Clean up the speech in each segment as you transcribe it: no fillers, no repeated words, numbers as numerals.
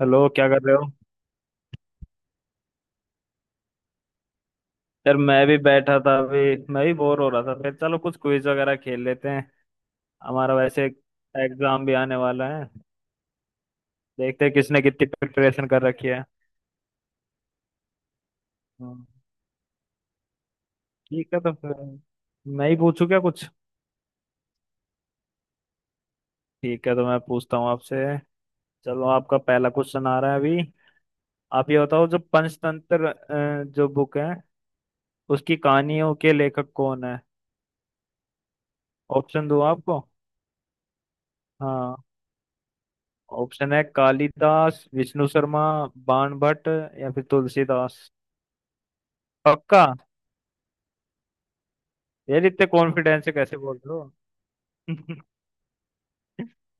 Hello, क्या कर रहे हो? यार मैं भी बैठा था अभी। मैं भी बोर हो रहा था, फिर चलो कुछ क्विज वगैरह खेल लेते हैं। हमारा वैसे एग्जाम भी आने वाला है। देखते हैं किसने कितनी प्रिपरेशन कर रखी है। हम्म। ठीक है तो फिर मैं ही पूछूं क्या कुछ। ठीक है तो मैं पूछता हूँ आपसे। चलो आपका पहला क्वेश्चन आ रहा है अभी। आप ये बताओ, जो पंचतंत्र जो बुक है, उसकी कहानियों के लेखक कौन है? ऑप्शन दूं आपको? हाँ। ऑप्शन है कालिदास, विष्णु शर्मा, बाण भट्ट या फिर तुलसीदास। पक्का? यार इतने कॉन्फिडेंस से कैसे बोल रहे हो?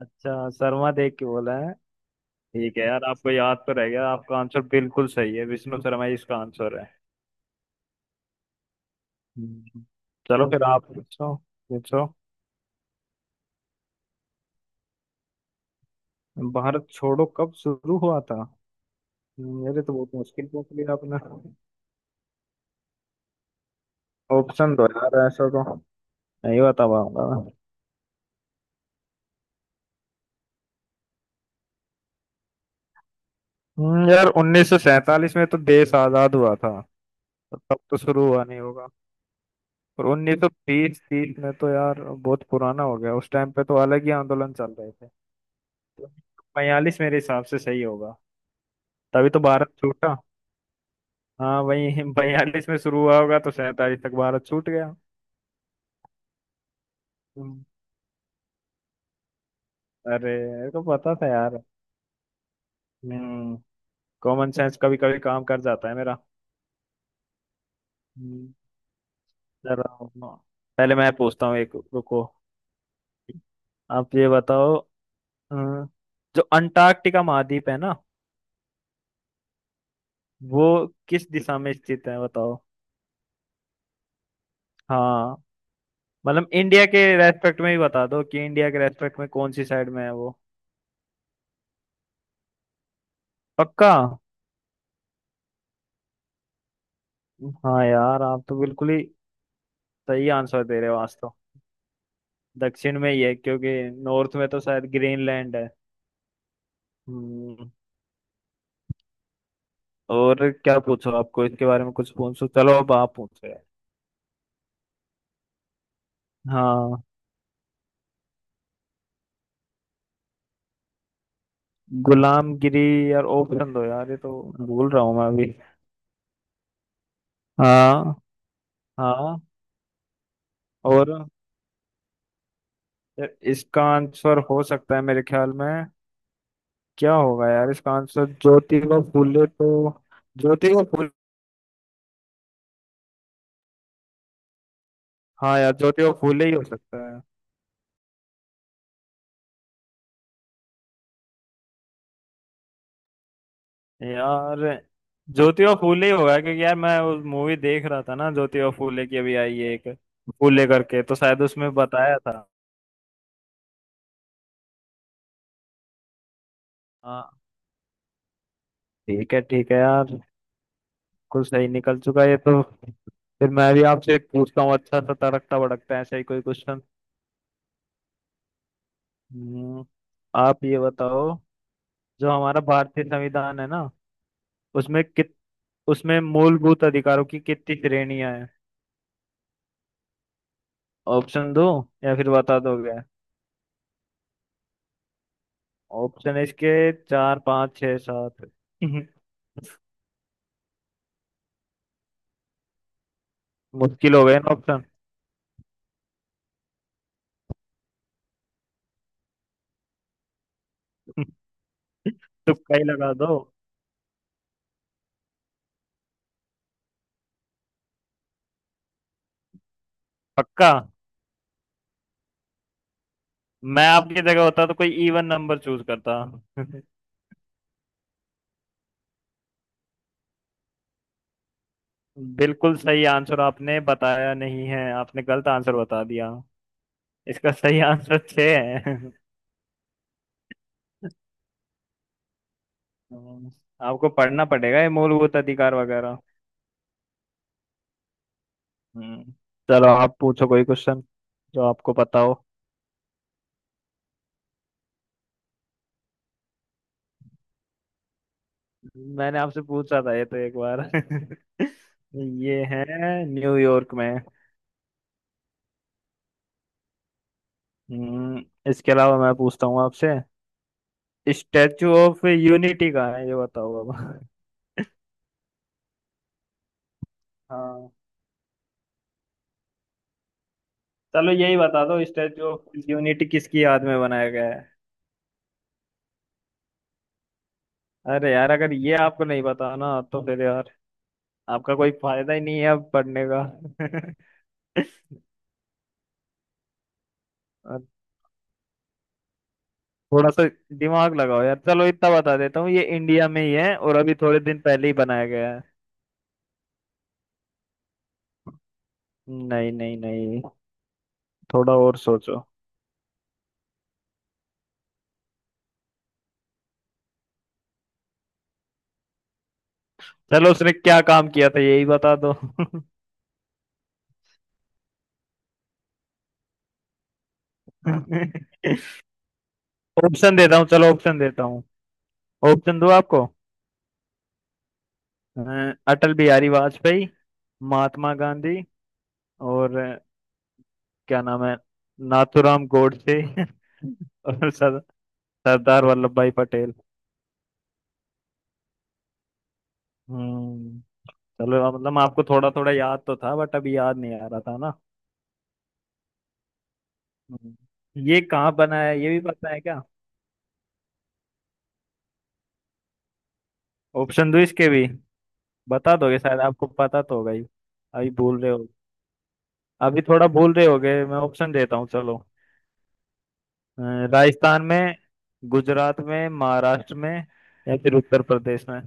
अच्छा, शर्मा देख के बोला है। ठीक है यार, आपको याद तो रह गया, आपका आंसर बिल्कुल सही है, विष्णु शर्मा ही इसका आंसर है। हम्म। चलो फिर आप पूछो पूछो। भारत छोड़ो कब शुरू हुआ था? मेरे तो बहुत मुश्किल पूछ लिया आपने। ऑप्शन दो यार, ऐसा तो नहीं बता पाऊंगा मैं। यार उन्नीस सौ सैंतालीस में तो देश आजाद हुआ था। तब तो शुरू हुआ नहीं होगा। और 1920, 30 में तो यार बहुत पुराना हो गया, उस टाइम पे तो अलग ही आंदोलन चल रहे थे। तो 42 मेरे हिसाब से सही होगा। तभी तो भारत छूटा। हाँ, वही 42 में शुरू हुआ होगा, तो 47 तक भारत छूट गया। हम्म। अरे मेरे को पता था यार। हम्म। कॉमन सेंस कभी कभी काम कर जाता है मेरा। हम्म। जरा पहले मैं पूछता हूँ, एक रुको। आप ये बताओ। अ, जो अंटार्कटिका महाद्वीप है ना, वो किस दिशा में स्थित है बताओ। हाँ। मतलब इंडिया के रेस्पेक्ट में ही बता दो कि इंडिया के रेस्पेक्ट में कौन सी साइड में है वो। पक्का? हाँ यार, आप तो बिल्कुल ही सही आंसर दे रहे हो आज तो। दक्षिण में ही है क्योंकि नॉर्थ में तो शायद ग्रीनलैंड है। हम्म। और क्या पूछो, आपको इसके बारे में कुछ पूछो, चलो अब आप पूछो यार। हाँ। गुलामगिरी। यार ऑप्शन दो यार, ये तो भूल रहा हूँ मैं अभी। हाँ। हाँ। और इसका आंसर हो सकता है मेरे ख्याल में, क्या होगा यार इसका आंसर, ज्योतिबा फूले तो। ज्योतिबा फूले। हाँ यार, ज्योतिबा फूले ही हो सकता है। यार ज्योतिबा फूले ही होगा, क्योंकि यार मैं उस मूवी देख रहा था ना, ज्योतिबा फूले की अभी आई है एक फूले करके, तो शायद उसमें बताया था। हाँ। ठीक है यार। कुछ सही निकल चुका है ये तो। फिर मैं भी आपसे एक पूछता हूँ, अच्छा सा तड़कता भड़कता ऐसा ही कोई क्वेश्चन। हम्म, आप ये बताओ। जो हमारा भारतीय संविधान है ना, उसमें कित उसमें मूलभूत अधिकारों की कितनी श्रेणियां हैं? ऑप्शन दो या फिर बता दोगे? ऑप्शन इसके चार, पाँच, छः, सात मुश्किल हो गए ना ऑप्शन? तुक्का ही लगा दो। पक्का? मैं आपकी जगह होता तो कोई इवन नंबर चूज करता। बिल्कुल सही आंसर आपने बताया नहीं है, आपने गलत आंसर बता दिया। इसका सही आंसर छः है। आपको पढ़ना पड़ेगा ये मूलभूत अधिकार वगैरह। हम्म। चलो आप पूछो कोई क्वेश्चन जो आपको पता हो। मैंने आपसे पूछा था ये तो एक बार। ये है न्यूयॉर्क में। हम्म। इसके अलावा मैं पूछता हूँ आपसे। स्टैचू ऑफ यूनिटी कहाँ है ये बताओ अब। हाँ। चलो यही बता दो, स्टैचू ऑफ यूनिटी किसकी याद में बनाया गया है? अरे यार, अगर ये आपको नहीं पता ना, तो फिर यार आपका कोई फायदा ही नहीं है अब पढ़ने का। और थोड़ा सा दिमाग लगाओ यार। चलो इतना बता देता हूँ, ये इंडिया में ही है और अभी थोड़े दिन पहले ही बनाया गया है। नहीं नहीं नहीं। थोड़ा और सोचो। चलो उसने क्या काम किया था यही बता दो। ऑप्शन देता हूँ, चलो ऑप्शन देता हूँ। ऑप्शन दो आपको। अ, अटल बिहारी वाजपेयी, महात्मा गांधी, और क्या नाम है, नाथूराम गोडसे और सरदार वल्लभ भाई पटेल। हम्म। चलो मतलब, आपको थोड़ा थोड़ा याद तो था, बट अभी याद नहीं आ रहा था ना। हम्म। ये कहाँ बना है ये भी पता है क्या? ऑप्शन दो इसके भी, बता दोगे शायद, आपको पता तो होगा ही, अभी भूल रहे हो, अभी थोड़ा भूल रहे होगे, मैं ऑप्शन देता हूँ चलो। अ, राजस्थान में, गुजरात में, महाराष्ट्र में, या फिर उत्तर प्रदेश में।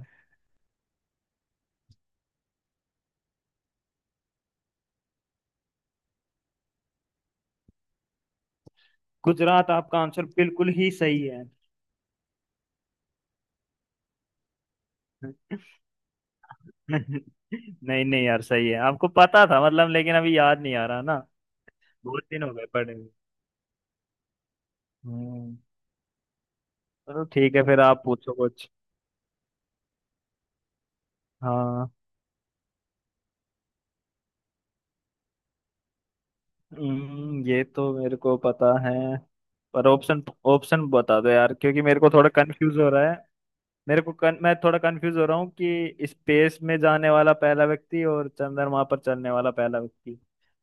गुजरात, आपका आंसर बिल्कुल ही सही है। नहीं नहीं यार, सही है, आपको पता था मतलब, लेकिन अभी याद नहीं आ रहा ना। बहुत दिन हो गए पढ़े हुए। हम्म। चलो ठीक है फिर, आप पूछो कुछ। हाँ। ये तो मेरे को पता है। पर ऑप्शन ऑप्शन बता दो यार, क्योंकि मेरे को थोड़ा कंफ्यूज हो रहा है। मैं थोड़ा कंफ्यूज हो रहा हूँ कि स्पेस में जाने वाला पहला व्यक्ति और चंद्रमा पर चलने वाला पहला व्यक्ति,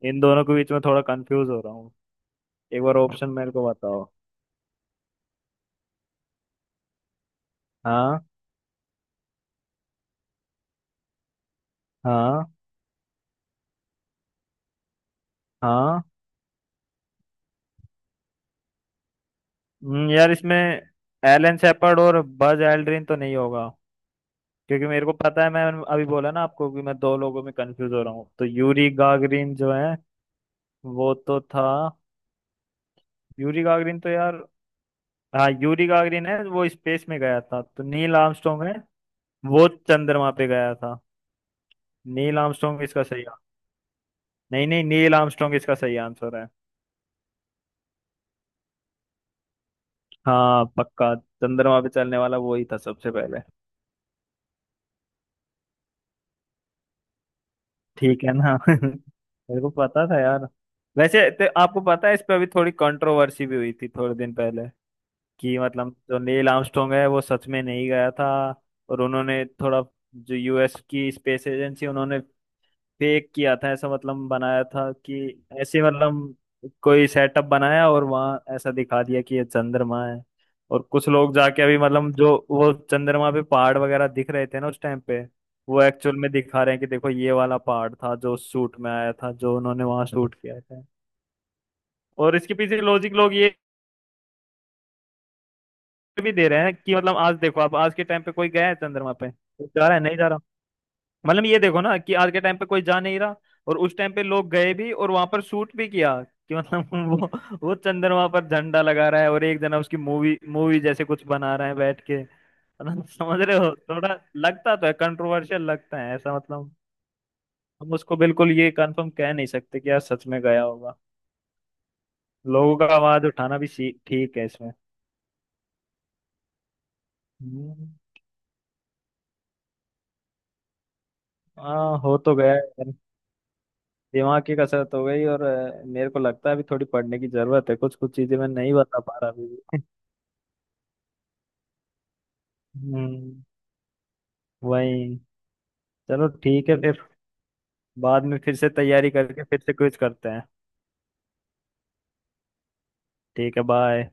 इन दोनों के बीच में थोड़ा कंफ्यूज हो रहा हूँ। एक बार ऑप्शन मेरे को बताओ। हाँ, हाँ, हाँ। यार इसमें एलन शेपर्ड और बज एल्ड्रिन तो नहीं होगा, क्योंकि मेरे को पता है। मैं अभी बोला ना आपको कि मैं दो लोगों में कंफ्यूज हो रहा हूँ, तो यूरी गागरिन जो है वो तो था। यूरी गागरिन तो यार, हाँ, यूरी गागरिन है, वो स्पेस में गया था। तो नील आर्मस्ट्रॉन्ग है, वो चंद्रमा पे गया था। नील आर्मस्ट्रॉन्ग इसका सही आ- नहीं नहीं, नील आर्मस्ट्रॉन्ग इसका सही आंसर है। हाँ पक्का, चंद्रमा पे चलने वाला वो ही था सबसे पहले। ठीक है ना? मेरे को पता था यार। वैसे तो आपको पता है, इस पे अभी थोड़ी कंट्रोवर्सी भी हुई थी थोड़े दिन पहले कि मतलब जो नील आर्मस्ट्रॉन्ग है वो सच में नहीं गया था। और उन्होंने थोड़ा, जो यूएस की स्पेस एजेंसी, उन्होंने फेक किया था, ऐसा मतलब बनाया था कि, ऐसे मतलब कोई सेटअप बनाया और वहाँ ऐसा दिखा दिया कि ये चंद्रमा है। और कुछ लोग जाके अभी, मतलब जो वो चंद्रमा पे पहाड़ वगैरह दिख रहे थे ना उस टाइम पे, वो एक्चुअल में दिखा रहे हैं कि देखो, ये वाला पहाड़ था जो शूट में आया था, जो उन्होंने वहां शूट किया था। और इसके पीछे लॉजिक लोग ये भी दे रहे हैं कि मतलब, आज देखो, आप आज के टाइम पे कोई गया है चंद्रमा पे, कोई जा रहा है, नहीं जा रहा। मतलब ये देखो ना कि आज के टाइम पे कोई जा नहीं रहा, और उस टाइम पे लोग गए भी और वहां पर शूट भी किया, कि मतलब वो चंद्रमा पर झंडा लगा रहा है और एक जना उसकी मूवी मूवी जैसे कुछ बना रहा है बैठ के, मतलब समझ रहे हो, थोड़ा लगता तो है, कंट्रोवर्शियल लगता है ऐसा मतलब। हम उसको बिल्कुल ये कंफर्म कह नहीं सकते कि यार सच में गया होगा। लोगों का आवाज उठाना भी ठीक है इसमें। हम्म। हाँ, हो तो गया है। दिमाग की कसरत हो गई, और मेरे को लगता है अभी थोड़ी पढ़ने की जरूरत है, कुछ कुछ चीजें मैं नहीं बता पा रहा अभी भी। हम्म। वही। चलो ठीक है फिर, बाद में फिर से तैयारी करके फिर से क्विज करते हैं। ठीक है, बाय।